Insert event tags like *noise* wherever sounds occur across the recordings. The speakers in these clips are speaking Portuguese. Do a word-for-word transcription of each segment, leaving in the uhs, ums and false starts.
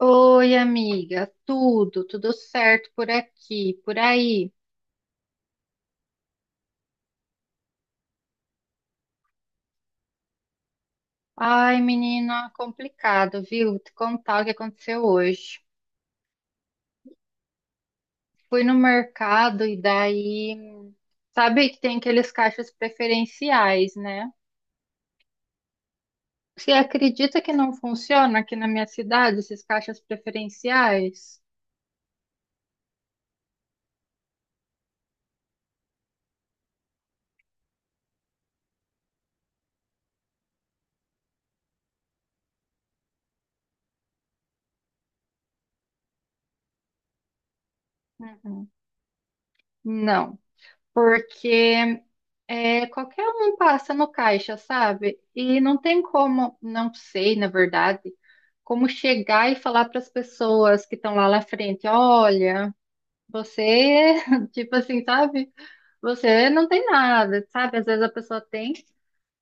Oi, amiga, tudo, tudo certo por aqui, por aí. Ai, menina, complicado, viu? Te contar o que aconteceu hoje. Fui no mercado e daí, sabe que tem aqueles caixas preferenciais, né? Você acredita que não funciona aqui na minha cidade esses caixas preferenciais? Uhum. Não, porque É, qualquer um passa no caixa, sabe? E não tem como, não sei, na verdade, como chegar e falar para as pessoas que estão lá na frente, olha, você, *laughs* tipo assim, sabe? Você não tem nada, sabe? Às vezes a pessoa tem.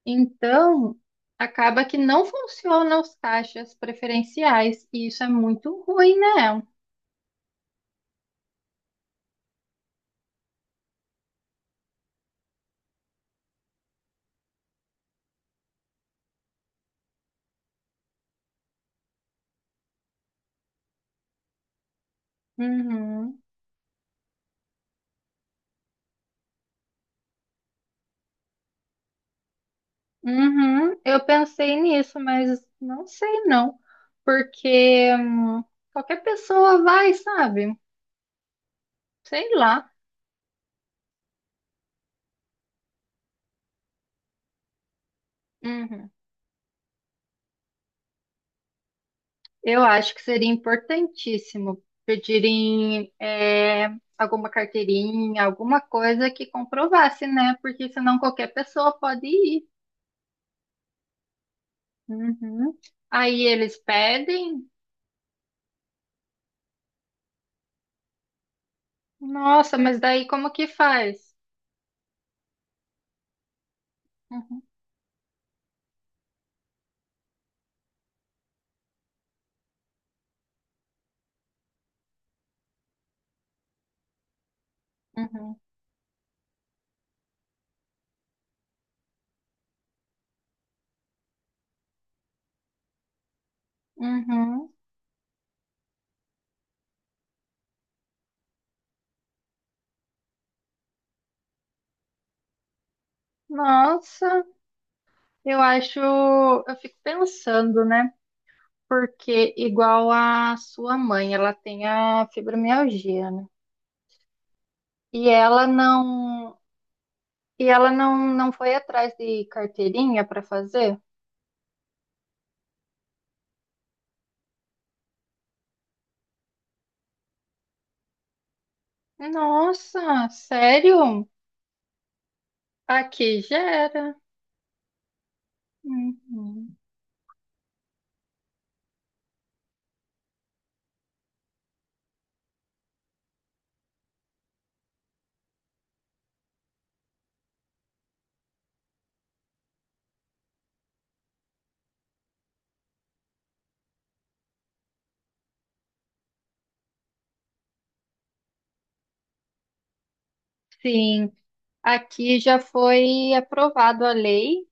Então, acaba que não funcionam os caixas preferenciais e isso é muito ruim, né? Uhum. Uhum, eu pensei nisso, mas não sei não, porque hum, qualquer pessoa vai, sabe? Sei lá. Uhum. Eu acho que seria importantíssimo pedirem é, alguma carteirinha, alguma coisa que comprovasse, né? Porque senão qualquer pessoa pode ir. Uhum. Aí eles pedem. Nossa, mas daí como que faz? Uhum, uhum, uhum. Nossa. Eu acho, eu fico pensando, né? Porque igual a sua mãe, ela tem a fibromialgia, né? E ela não, e ela não, não foi atrás de carteirinha para fazer? Nossa, sério? Aqui já era. Uhum. Sim, aqui já foi aprovado a lei,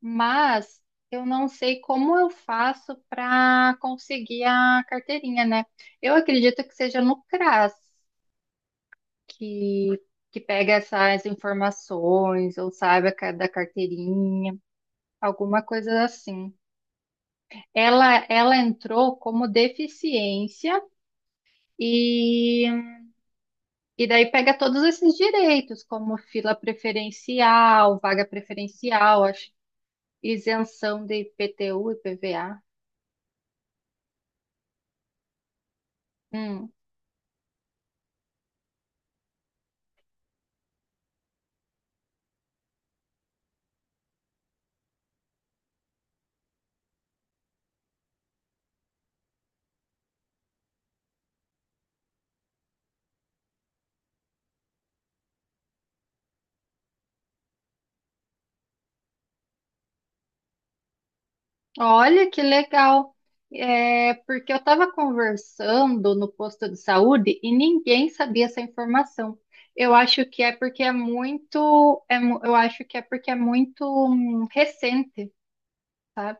mas eu não sei como eu faço para conseguir a carteirinha, né? Eu acredito que seja no CRAS, que, que pega essas informações ou saiba ca- da carteirinha, alguma coisa assim. Ela, ela entrou como deficiência e, e daí pega todos esses direitos, como fila preferencial, vaga preferencial, acho, isenção de I P T U e P V A. Olha que legal. É, porque eu estava conversando no posto de saúde e ninguém sabia essa informação. Eu acho que é porque é muito, é mu- eu acho que é porque é muito hum, recente, sabe?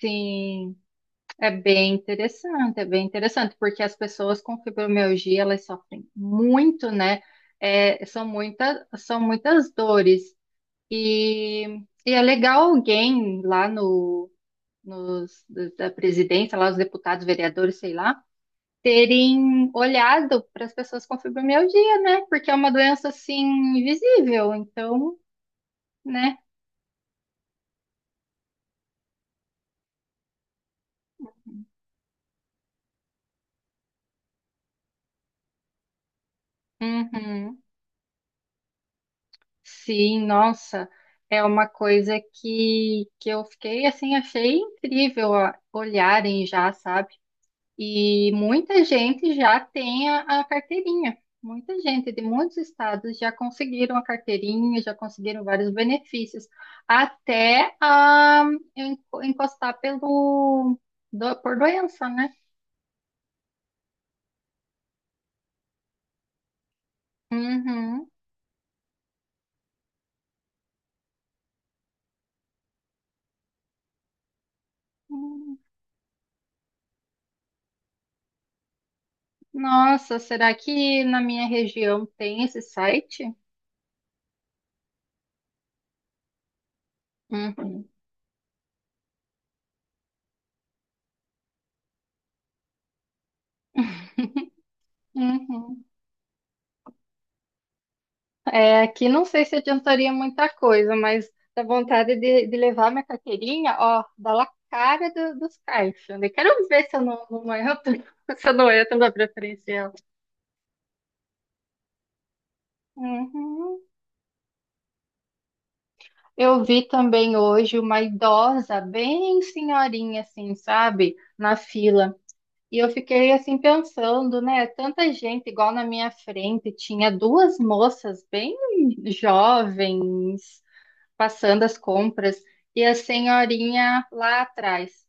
Sim, é bem interessante, é bem interessante, porque as pessoas com fibromialgia, elas sofrem muito, né? É, são muitas, são muitas dores. E, e é legal alguém lá no nos, da presidência, lá os deputados, vereadores, sei lá, terem olhado para as pessoas com fibromialgia, né? Porque é uma doença assim invisível, então, né? Uhum. Sim, nossa, é uma coisa que, que eu fiquei assim, achei incrível ó, olharem já, sabe? E muita gente já tem a, a carteirinha. Muita gente de muitos estados já conseguiram a carteirinha, já conseguiram vários benefícios, até a en- encostar pelo do- por doença, né? Uhum. Hum. Nossa, será que na minha região tem esse site? Uhum. Uhum. É, aqui não sei se adiantaria muita coisa, mas dá vontade de, de levar minha carteirinha, ó, dá lá a cara do- dos caixas, né? Quero ver se eu não, não entro, *laughs* se eu não entro na preferencial. Uhum. Eu vi também hoje uma idosa, bem senhorinha, assim, sabe, na fila. E eu fiquei assim pensando, né? Tanta gente igual na minha frente, tinha duas moças bem jovens, passando as compras e a senhorinha lá atrás.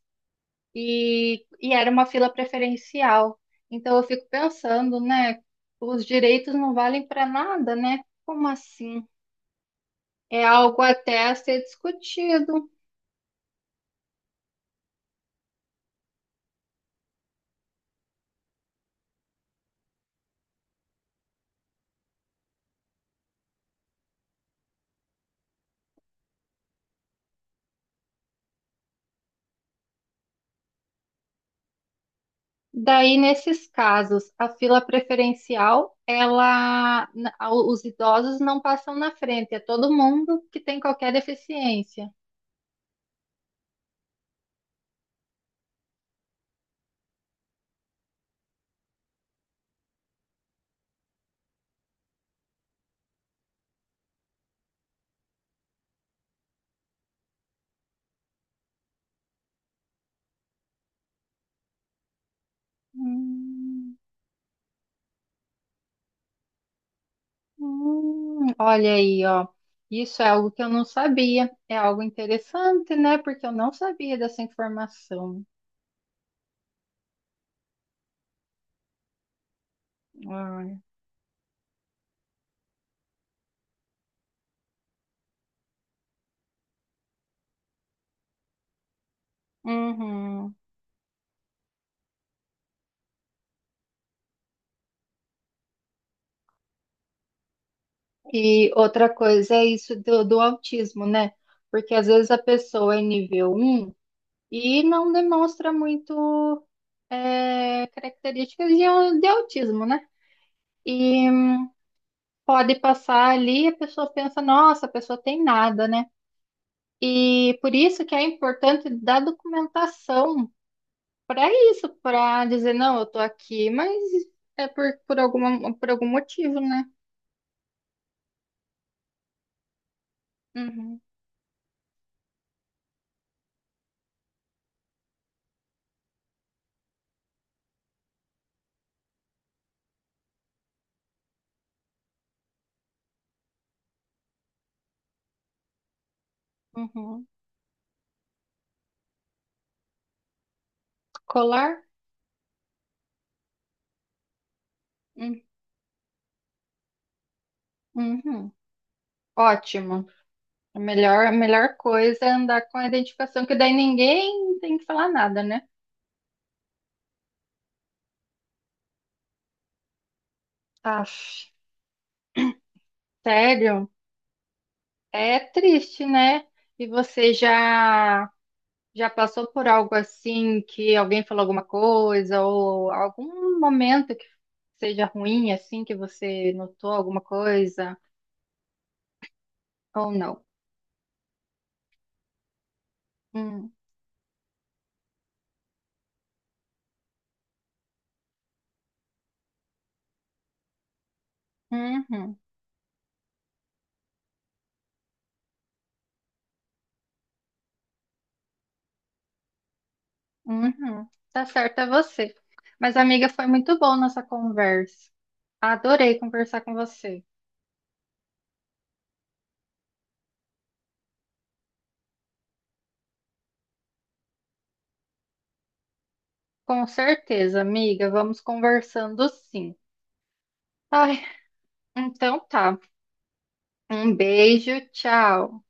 E, e era uma fila preferencial. Então eu fico pensando, né? Os direitos não valem para nada, né? Como assim? É algo até a ser discutido. Daí, nesses casos, a fila preferencial, ela, na- os idosos não passam na frente, é todo mundo que tem qualquer deficiência. Hum. Hum, olha aí, ó. Isso é algo que eu não sabia. É algo interessante, né? Porque eu não sabia dessa informação. Olha. Uhum. E outra coisa é isso do, do autismo, né? Porque às vezes a pessoa é nível um e não demonstra muito é, características de, de autismo, né? E pode passar ali a pessoa pensa, nossa, a pessoa tem nada, né? E por isso que é importante da documentação para isso, para dizer, não, eu tô aqui, mas é por, por alguma, por algum motivo, né? Uhum, uhum. Colar? Hum, Uhum. Ótimo. A melhor, a melhor coisa é andar com a identificação, que daí ninguém tem que falar nada, né? Aff, sério? É triste, né? E você já já passou por algo assim que alguém falou alguma coisa ou algum momento que seja ruim assim que você notou alguma coisa? Ou não. Hum, uhum, uhum. Tá certo, é você. Mas, amiga, foi muito bom nossa conversa. Adorei conversar com você. Com certeza, amiga. Vamos conversando sim. Ai, então tá. Um beijo, tchau.